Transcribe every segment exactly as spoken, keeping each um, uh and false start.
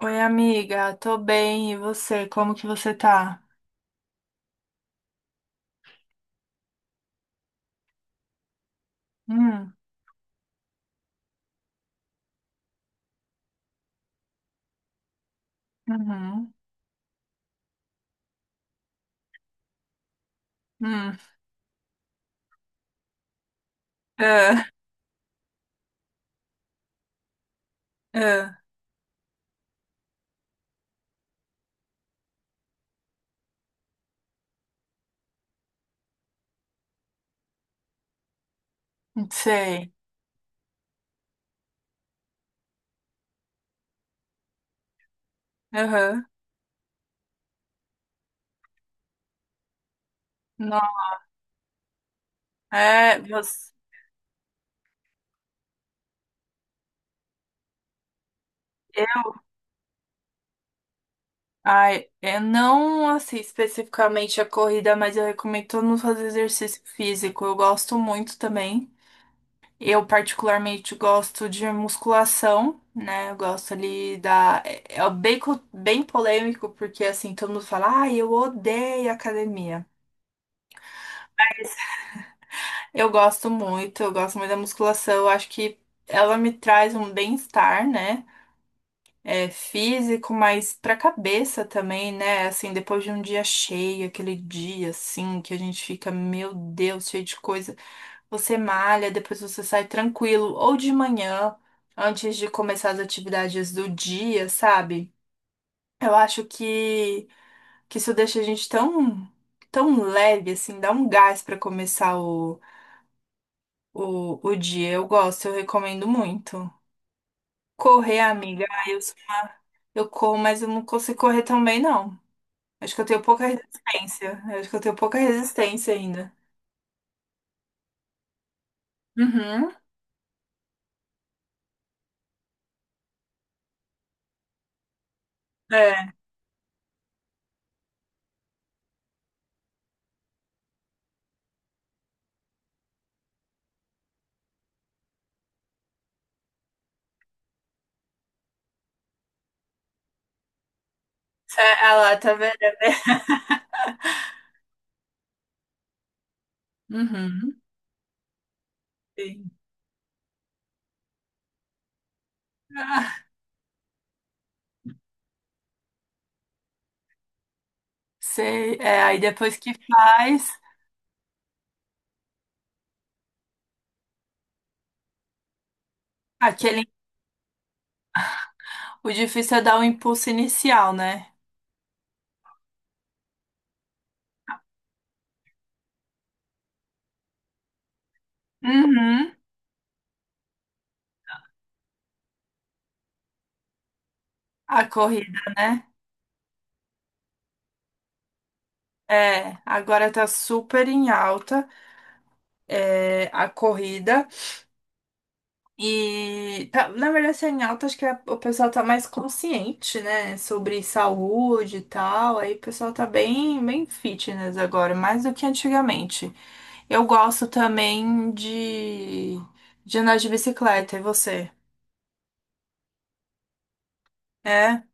Oi, amiga, tô bem, e você? Como que você tá? Hum, uhum, hum, ah, ah, não sei, aham, não, é, você, eu, ai, eu não, assim, especificamente a corrida, mas eu recomendo todo mundo fazer exercício físico, eu gosto muito também, eu particularmente gosto de musculação, né, eu gosto ali da, é, é bem, co- bem polêmico, porque assim, todo mundo fala, ai, eu odeio academia. Eu gosto muito, eu gosto muito da musculação. Eu acho que ela me traz um bem-estar, né? É, físico, mas pra cabeça também, né? Assim, depois de um dia cheio, aquele dia assim, que a gente fica, meu Deus, cheio de coisa. Você malha, depois você sai tranquilo, ou de manhã, antes de começar as atividades do dia, sabe? Eu acho que, que isso deixa a gente tão, tão leve, assim, dá um gás pra começar O, o dia. Eu gosto, eu recomendo muito. Correr, amiga, ai, eu, eu corro, mas eu não consigo correr tão bem, não. Acho que eu tenho pouca resistência. Acho que eu tenho pouca resistência ainda. Uhum. É. Cê- Ah lá, tá vendo? Uhum. Sim. Ah, sei. É, aí depois que faz, aquele. O difícil é dar o impulso inicial, né? Uhum. A corrida, né? É, agora tá super em alta, é, a corrida. E tá- na verdade tá em alta, acho que a- o pessoal tá mais consciente, né, sobre saúde e tal. Aí o pessoal tá bem, bem fitness agora, mais do que antigamente. Eu gosto também de, de, andar de bicicleta, e você? É?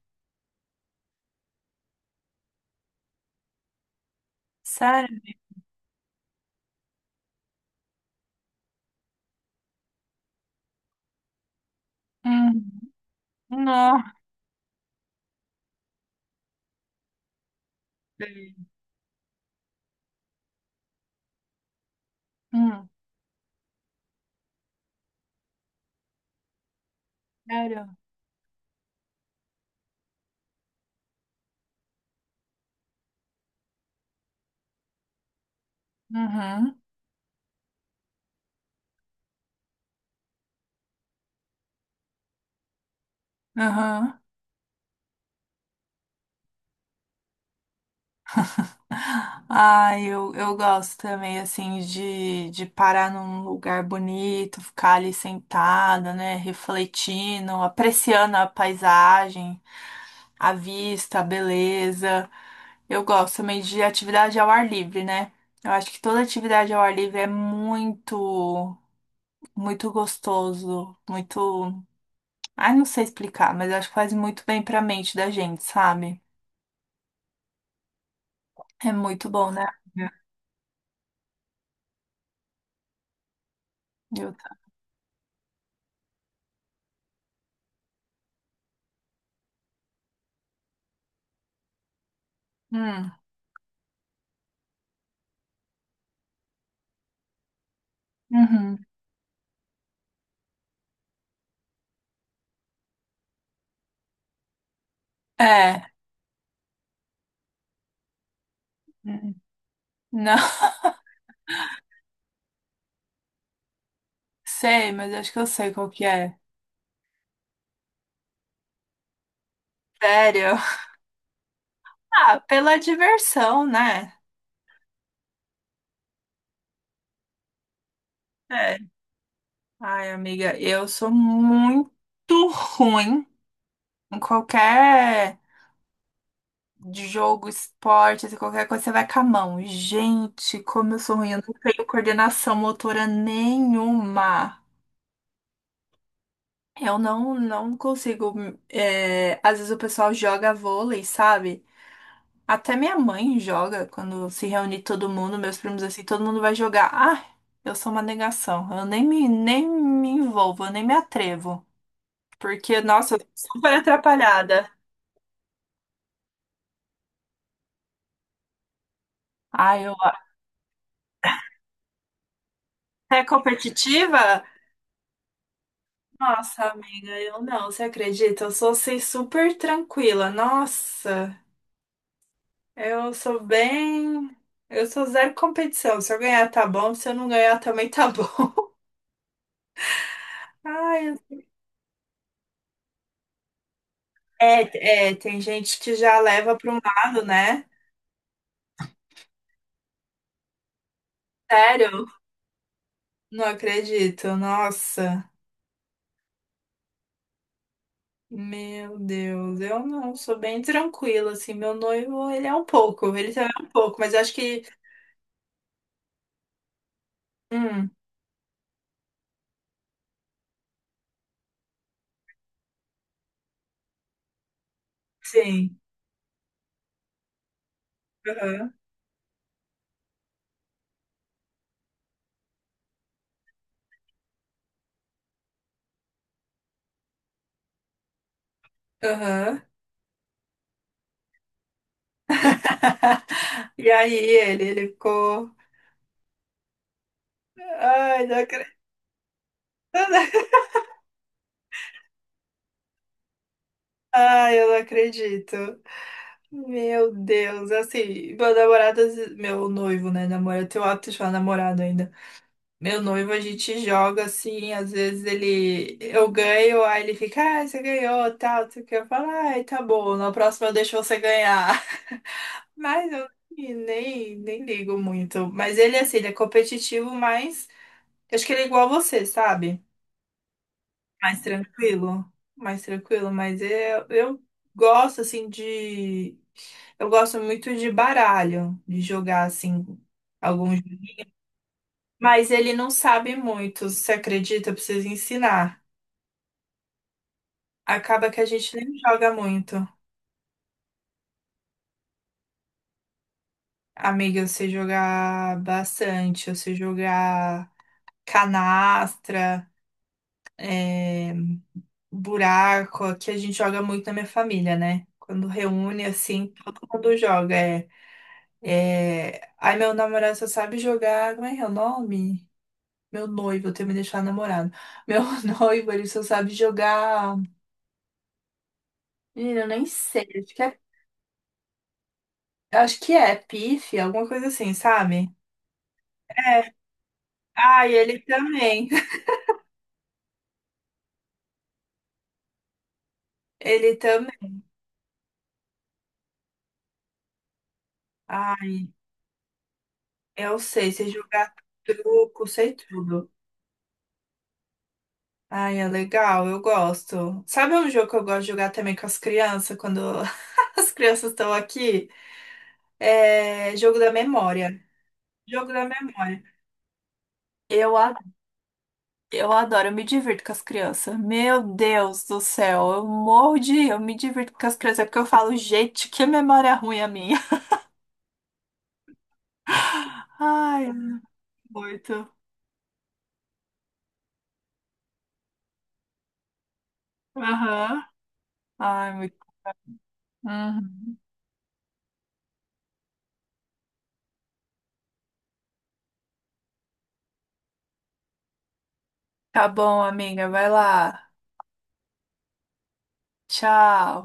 Sério? Hum. Não. Hum. Sério? Uhum. Uhum. Ah, eu, eu, gosto também, assim, de, de parar num lugar bonito, ficar ali sentada, né, refletindo, apreciando a paisagem, a vista, a beleza. Eu gosto também de atividade ao ar livre, né? Eu acho que toda atividade ao ar livre é muito, muito gostoso, muito. Ai, não sei explicar, mas acho que faz muito bem pra mente da gente, sabe? É muito bom, né? Eu... Hum, uhum. É. Hum. Não sei, mas acho que eu sei qual que é. Sério? Ah, pela diversão, né? É. Ai, amiga, eu sou muito ruim em qualquer jogo, esporte, assim, qualquer coisa, você vai com a mão. Gente, como eu sou ruim, eu não tenho coordenação motora nenhuma. Eu não, não consigo. É, às vezes o pessoal joga vôlei, sabe? Até minha mãe joga quando se reúne todo mundo, meus primos assim, todo mundo vai jogar. Ah, eu sou uma negação. Eu nem me, nem me envolvo, eu nem me atrevo. Porque, nossa, eu sou super atrapalhada. Ah, eu. É competitiva? Nossa, amiga, eu não, você acredita? Eu sou assim super tranquila. Nossa, eu sou bem. Eu sou zero competição. Se eu ganhar, tá bom. Se eu não ganhar, também tá bom. Ai, eu- é, é, tem gente que já leva para um lado, né? Sério? Não acredito. Nossa, meu Deus. Eu não sou bem tranquila assim. Meu noivo, ele é um pouco, ele também é um pouco, mas eu acho que, hum, sim. Aham. Aham. E aí ele, ele ficou, ai, não acredito. Ai, eu não acredito. Meu Deus, assim, meu namorado, meu noivo, né, namorado, eu tenho o hábito de falar namorado ainda. Meu noivo, a gente joga assim, às vezes ele eu ganho, aí ele fica, ah, você ganhou, tal, tu quer falar, ai, tá bom, na próxima eu deixo você ganhar. Mas eu assim, nem, nem ligo muito. Mas ele, assim, ele é competitivo, mas eu acho que ele é igual a você, sabe? Mais tranquilo, mais tranquilo, mas eu, eu, gosto, assim, de. Eu gosto muito de baralho, de jogar, assim, alguns. Mas ele não sabe muito, você acredita? Eu preciso ensinar. Acaba que a gente nem joga muito. Amiga, você jogar bastante, você jogar canastra, é, buraco, que a gente joga muito na minha família, né? Quando reúne, assim, todo mundo joga. É, é... Ai, meu namorado só sabe jogar. Como é que é o nome? Meu noivo, eu tenho que me deixar namorado. Meu noivo, ele só sabe jogar. Menina, eu nem sei. Acho que é, acho que é pife, alguma coisa assim, sabe? É. Ai, ele também. Ele também. Ai, eu sei, se jogar truco, sei tudo. Ai, é legal, eu gosto. Sabe um jogo que eu gosto de jogar também com as crianças, quando as crianças estão aqui? É jogo da memória. Jogo da memória. Eu, a- eu adoro, eu me divirto com as crianças. Meu Deus do céu, eu morro de rir, eu me divirto com as crianças, é porque eu falo, gente, que memória ruim a minha. Ai, é muito. Aham. Ai, muito. Uhum. Tá bom, amiga, vai lá. Tchau.